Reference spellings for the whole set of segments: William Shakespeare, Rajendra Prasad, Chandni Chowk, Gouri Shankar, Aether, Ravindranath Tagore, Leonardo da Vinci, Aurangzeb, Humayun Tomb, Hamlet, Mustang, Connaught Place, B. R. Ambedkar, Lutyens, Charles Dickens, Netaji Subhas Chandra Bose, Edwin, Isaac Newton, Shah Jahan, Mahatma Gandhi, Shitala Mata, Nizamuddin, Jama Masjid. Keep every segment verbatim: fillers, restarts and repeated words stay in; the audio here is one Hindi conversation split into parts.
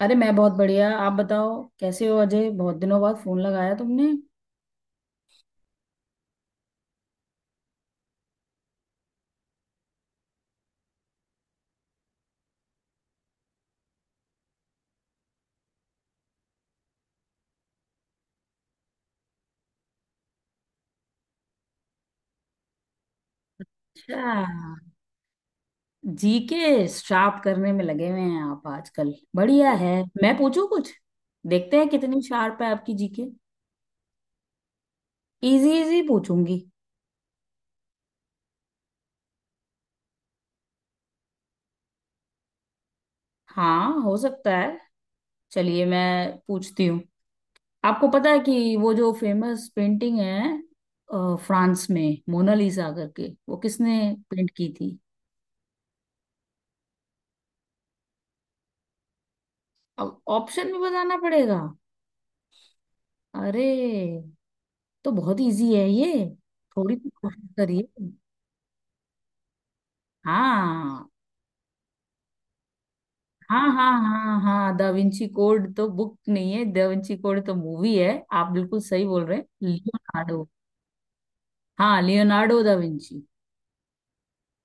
अरे, मैं बहुत बढ़िया। आप बताओ, कैसे हो अजय? बहुत दिनों बाद फोन लगाया तुमने। अच्छा, जी के श्राप करने में लगे हुए हैं आप आजकल? बढ़िया है। मैं पूछूं कुछ? देखते हैं कितनी शार्प है आपकी जी के। इजी इजी पूछूंगी। हाँ, हो सकता है। चलिए, मैं पूछती हूँ। आपको पता है कि वो जो फेमस पेंटिंग है अ, फ्रांस में, मोनालिसा करके, वो किसने पेंट की थी? अब ऑप्शन भी बताना पड़ेगा? अरे, तो बहुत इजी है ये। थोड़ी सी कोशिश करिए। हाँ हाँ हाँ हाँ हाँ, दा विंची कोड तो बुक नहीं है, दा विंची कोड तो मूवी है। आप बिल्कुल सही बोल रहे हैं। लियोनार्डो। हाँ, लियोनार्डो दा विंची।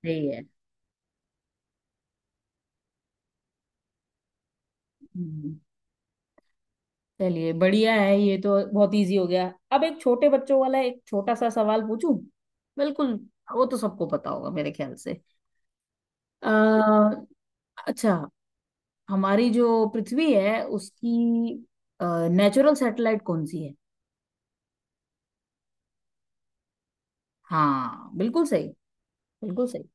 सही है। हम्म, चलिए, बढ़िया है, ये तो बहुत इजी हो गया। अब एक छोटे बच्चों वाला एक छोटा सा सवाल पूछूं। बिल्कुल, वो तो सबको पता होगा मेरे ख्याल से। अ, अच्छा, हमारी जो पृथ्वी है उसकी नेचुरल सैटेलाइट कौन सी है? हाँ, बिल्कुल सही, बिल्कुल सही।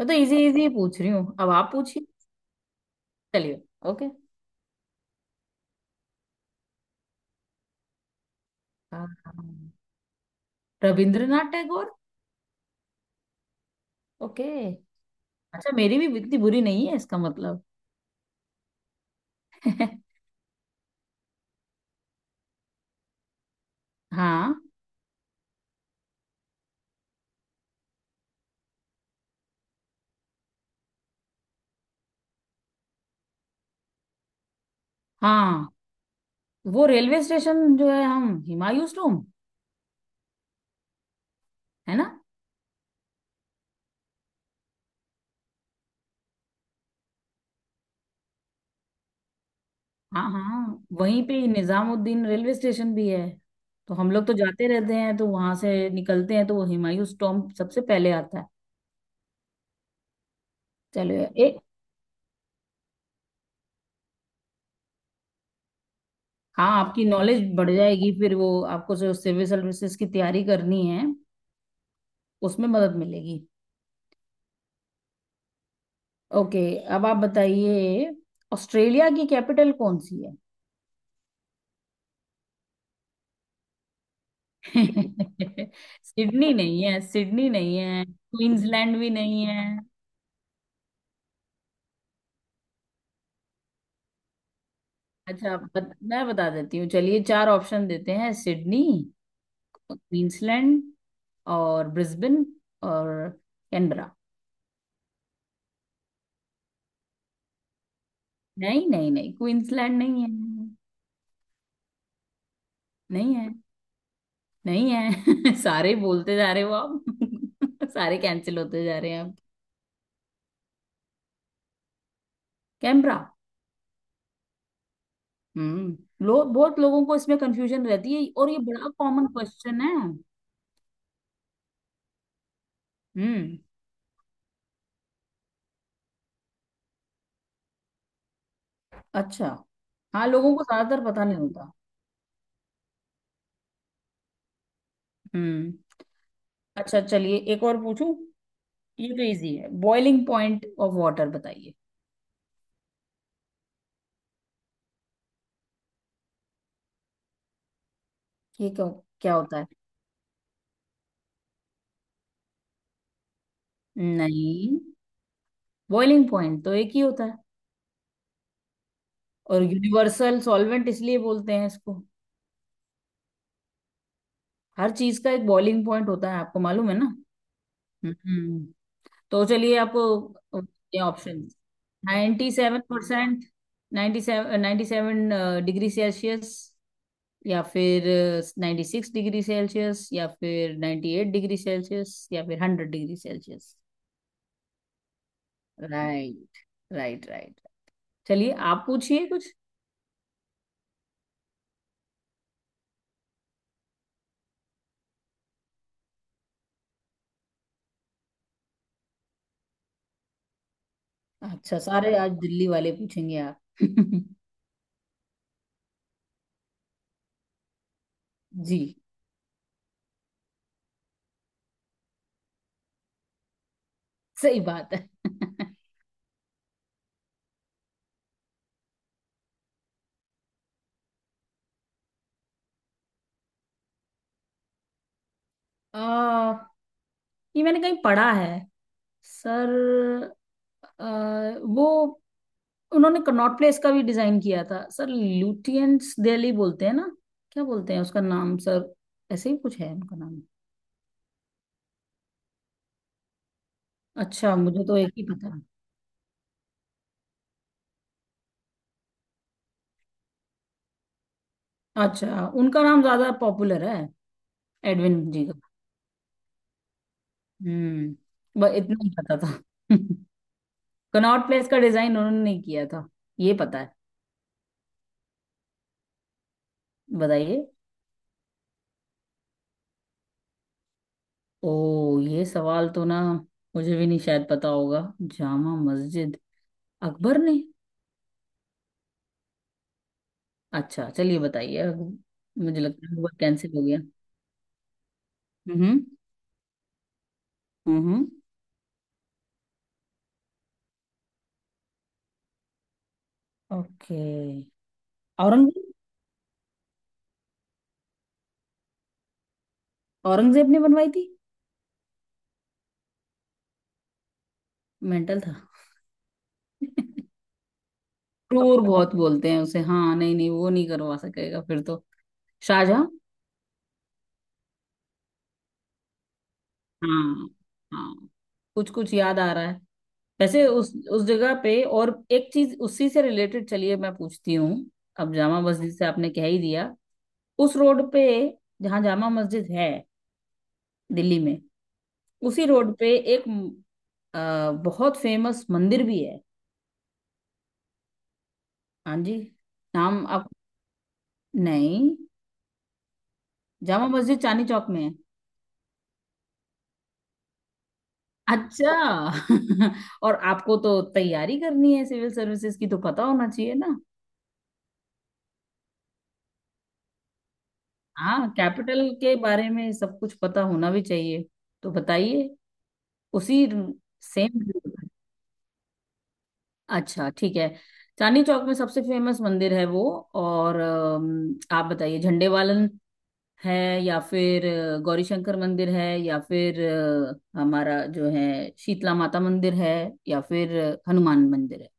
मैं तो इजी इजी पूछ रही हूँ, अब आप पूछिए। चलिए। ओके। रविंद्रनाथ टैगोर। ओके। अच्छा, मेरी भी इतनी बुरी नहीं है इसका मतलब। हाँ हाँ, वो रेलवे स्टेशन जो है, हम हुमायूं टॉम्ब। है ना? हाँ हाँ, वहीं पे ही निजामुद्दीन रेलवे स्टेशन भी है। तो हम लोग तो जाते रहते हैं तो वहां से निकलते हैं तो वो हुमायूं टॉम्ब सबसे पहले आता है। चलिए एक। हाँ, आपकी नॉलेज बढ़ जाएगी, फिर वो आपको जो सिविल सर्विसेज की तैयारी करनी है, उसमें मदद मिलेगी। ओके, अब आप बताइए, ऑस्ट्रेलिया की कैपिटल कौन सी है? सिडनी नहीं है, सिडनी नहीं है, क्वींसलैंड भी नहीं है। अच्छा, बत, मैं बता देती हूँ। चलिए, चार ऑप्शन देते हैं— सिडनी, क्वींसलैंड, और ब्रिस्बेन, और कैनबरा। नहीं नहीं नहीं, क्वींसलैंड नहीं है। नहीं है। नहीं है। सारे बोलते जा रहे हो आप। सारे कैंसिल होते जा रहे हैं अब। कैमरा। हम्म लो, बहुत लोगों को इसमें कंफ्यूजन रहती है, और ये बड़ा कॉमन क्वेश्चन है। हम्म। अच्छा, हाँ, लोगों को ज्यादातर पता नहीं होता। हम्म। अच्छा, चलिए एक और पूछूं। ये तो इजी है, बॉइलिंग पॉइंट ऑफ वाटर बताइए। ये क्या? क्या होता है? नहीं, बॉइलिंग पॉइंट तो एक ही होता है, और यूनिवर्सल सॉल्वेंट इसलिए बोलते हैं इसको। हर चीज का एक बॉइलिंग पॉइंट होता है, आपको मालूम है ना? हम्म तो चलिए आप अ, ये option— ninety seven percent, ninety seven, ninety seven degree Celsius, या फिर नाइन्टी सिक्स डिग्री सेल्सियस, या फिर नाइन्टी एट डिग्री सेल्सियस, या फिर hundred degree Celsius. Right, right, right. चलिए, आप पूछिए कुछ। अच्छा, सारे आज दिल्ली वाले पूछेंगे आप? जी, सही बात है। आ, ये मैंने कहीं पढ़ा है सर। अ, वो, उन्होंने कनॉट प्लेस का भी डिजाइन किया था। सर ल्यूटियंस दिल्ली बोलते हैं ना? क्या बोलते हैं उसका नाम? सर, ऐसे ही कुछ है उनका नाम। अच्छा, मुझे तो एक ही पता है। अच्छा, उनका नाम ज्यादा पॉपुलर है, एडविन जी का। हम्म, बस इतना ही पता था। कनॉट प्लेस का डिजाइन उन्होंने नहीं किया था, ये पता है। बताइए। ओ, ये सवाल तो ना, मुझे भी नहीं शायद पता होगा। जामा मस्जिद अकबर ने? अच्छा, चलिए बताइए अब। मुझे लगता है वो कैंसिल हो गया। हम्म। हम्म। ओके। औरंगजेब। औरंगजेब ने बनवाई थी? मेंटल था, क्रूर बहुत बोलते हैं उसे। हाँ, नहीं नहीं, वो नहीं करवा सकेगा फिर तो। शाहजहां। हाँ। हाँ, कुछ कुछ याद आ रहा है। वैसे उस उस जगह पे और एक चीज उसी से रिलेटेड, चलिए मैं पूछती हूँ। अब जामा मस्जिद से आपने कह ही दिया। उस रोड पे, जहाँ जामा मस्जिद है, दिल्ली में, उसी रोड पे एक अ, बहुत फेमस मंदिर भी है। हाँ जी, नाम आप— नहीं, जामा मस्जिद चांदनी चौक में है। अच्छा। और आपको तो तैयारी करनी है सिविल सर्विसेज की, तो पता होना चाहिए ना? हाँ, कैपिटल के बारे में सब कुछ पता होना भी चाहिए। तो बताइए उसी— सेम, अच्छा ठीक है। चांदनी चौक में सबसे फेमस मंदिर है वो। और अम, आप बताइए— झंडे वालन है, या फिर अ, गौरीशंकर मंदिर है, या फिर अ, हमारा जो है, शीतला माता मंदिर है, या फिर अ, हनुमान मंदिर है?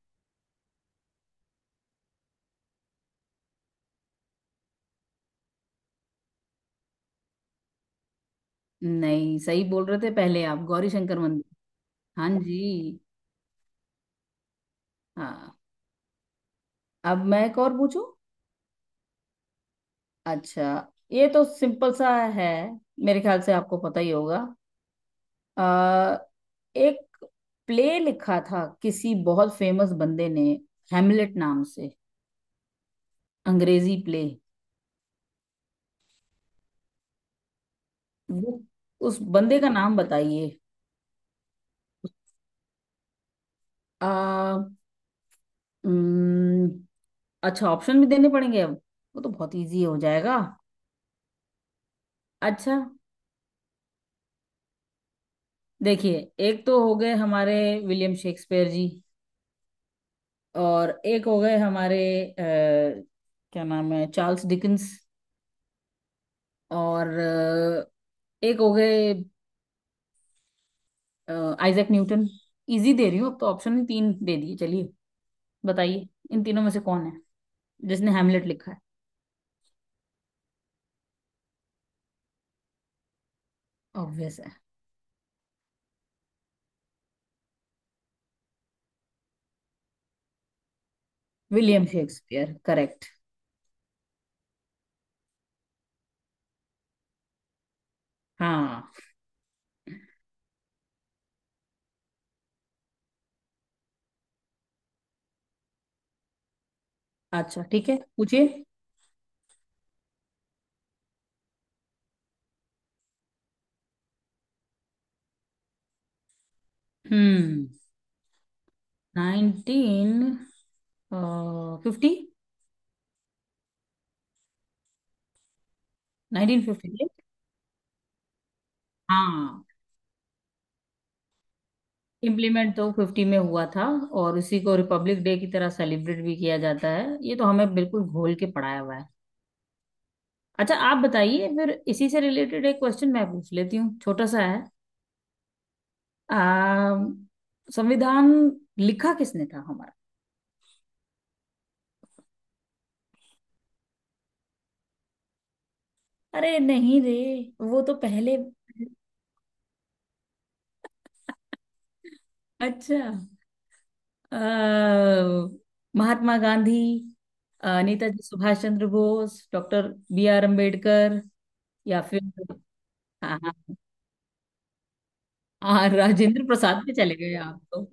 नहीं, सही बोल रहे थे पहले आप। गौरीशंकर मंदिर। हाँ जी। हाँ, अब मैं एक और पूछूं। अच्छा, ये तो सिंपल सा है, मेरे ख्याल से आपको पता ही होगा। आ, एक प्ले लिखा था किसी बहुत फेमस बंदे ने, हैमलेट नाम से, अंग्रेजी प्ले। वो उस बंदे का नाम बताइए। आ, उम्म, अच्छा, ऑप्शन भी देने पड़ेंगे अब? वो तो बहुत इजी हो जाएगा। अच्छा, देखिए— एक तो हो गए हमारे विलियम शेक्सपियर जी, और एक हो गए हमारे अ, क्या नाम है, चार्ल्स डिकिंस, और अ, एक हो गए आइजैक न्यूटन। इजी दे रही हूँ अब तो, ऑप्शन तीन दे दिए। चलिए, बताइए, इन तीनों में से कौन है जिसने हैमलेट लिखा है? ऑब्वियस है। William Shakespeare correct. हाँ। अच्छा ठीक है, पूछिए। हम्म। Nineteen fifty. Nineteen fifty, right? हाँ, इम्प्लीमेंट तो फिफ्टी में हुआ था। और इसी को रिपब्लिक डे की तरह सेलिब्रेट भी किया जाता है, ये तो हमें बिल्कुल घोल के पढ़ाया हुआ है। अच्छा आप बताइए, फिर इसी से रिलेटेड एक क्वेश्चन मैं पूछ लेती हूँ, छोटा सा है। आ, संविधान लिखा किसने था हमारा? अरे नहीं रे, वो तो पहले अच्छा, अ, महात्मा गांधी, अ, Netaji Subhash Chandra Bose, doctor B R Ambedkar, या फिर— हाँ हाँ। हाँ, राजेंद्र प्रसाद पे चले गए आप तो।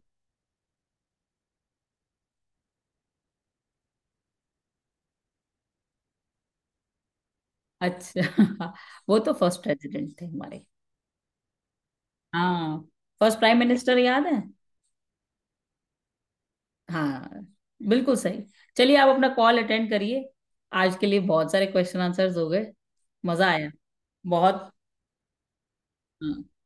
अच्छा वो तो फर्स्ट प्रेसिडेंट थे हमारे। हाँ, फर्स्ट प्राइम मिनिस्टर याद है? हाँ, बिल्कुल सही। चलिए, आप अपना कॉल अटेंड करिए, आज के लिए बहुत सारे क्वेश्चन आंसर्स हो गए। मजा आया बहुत। हाँ।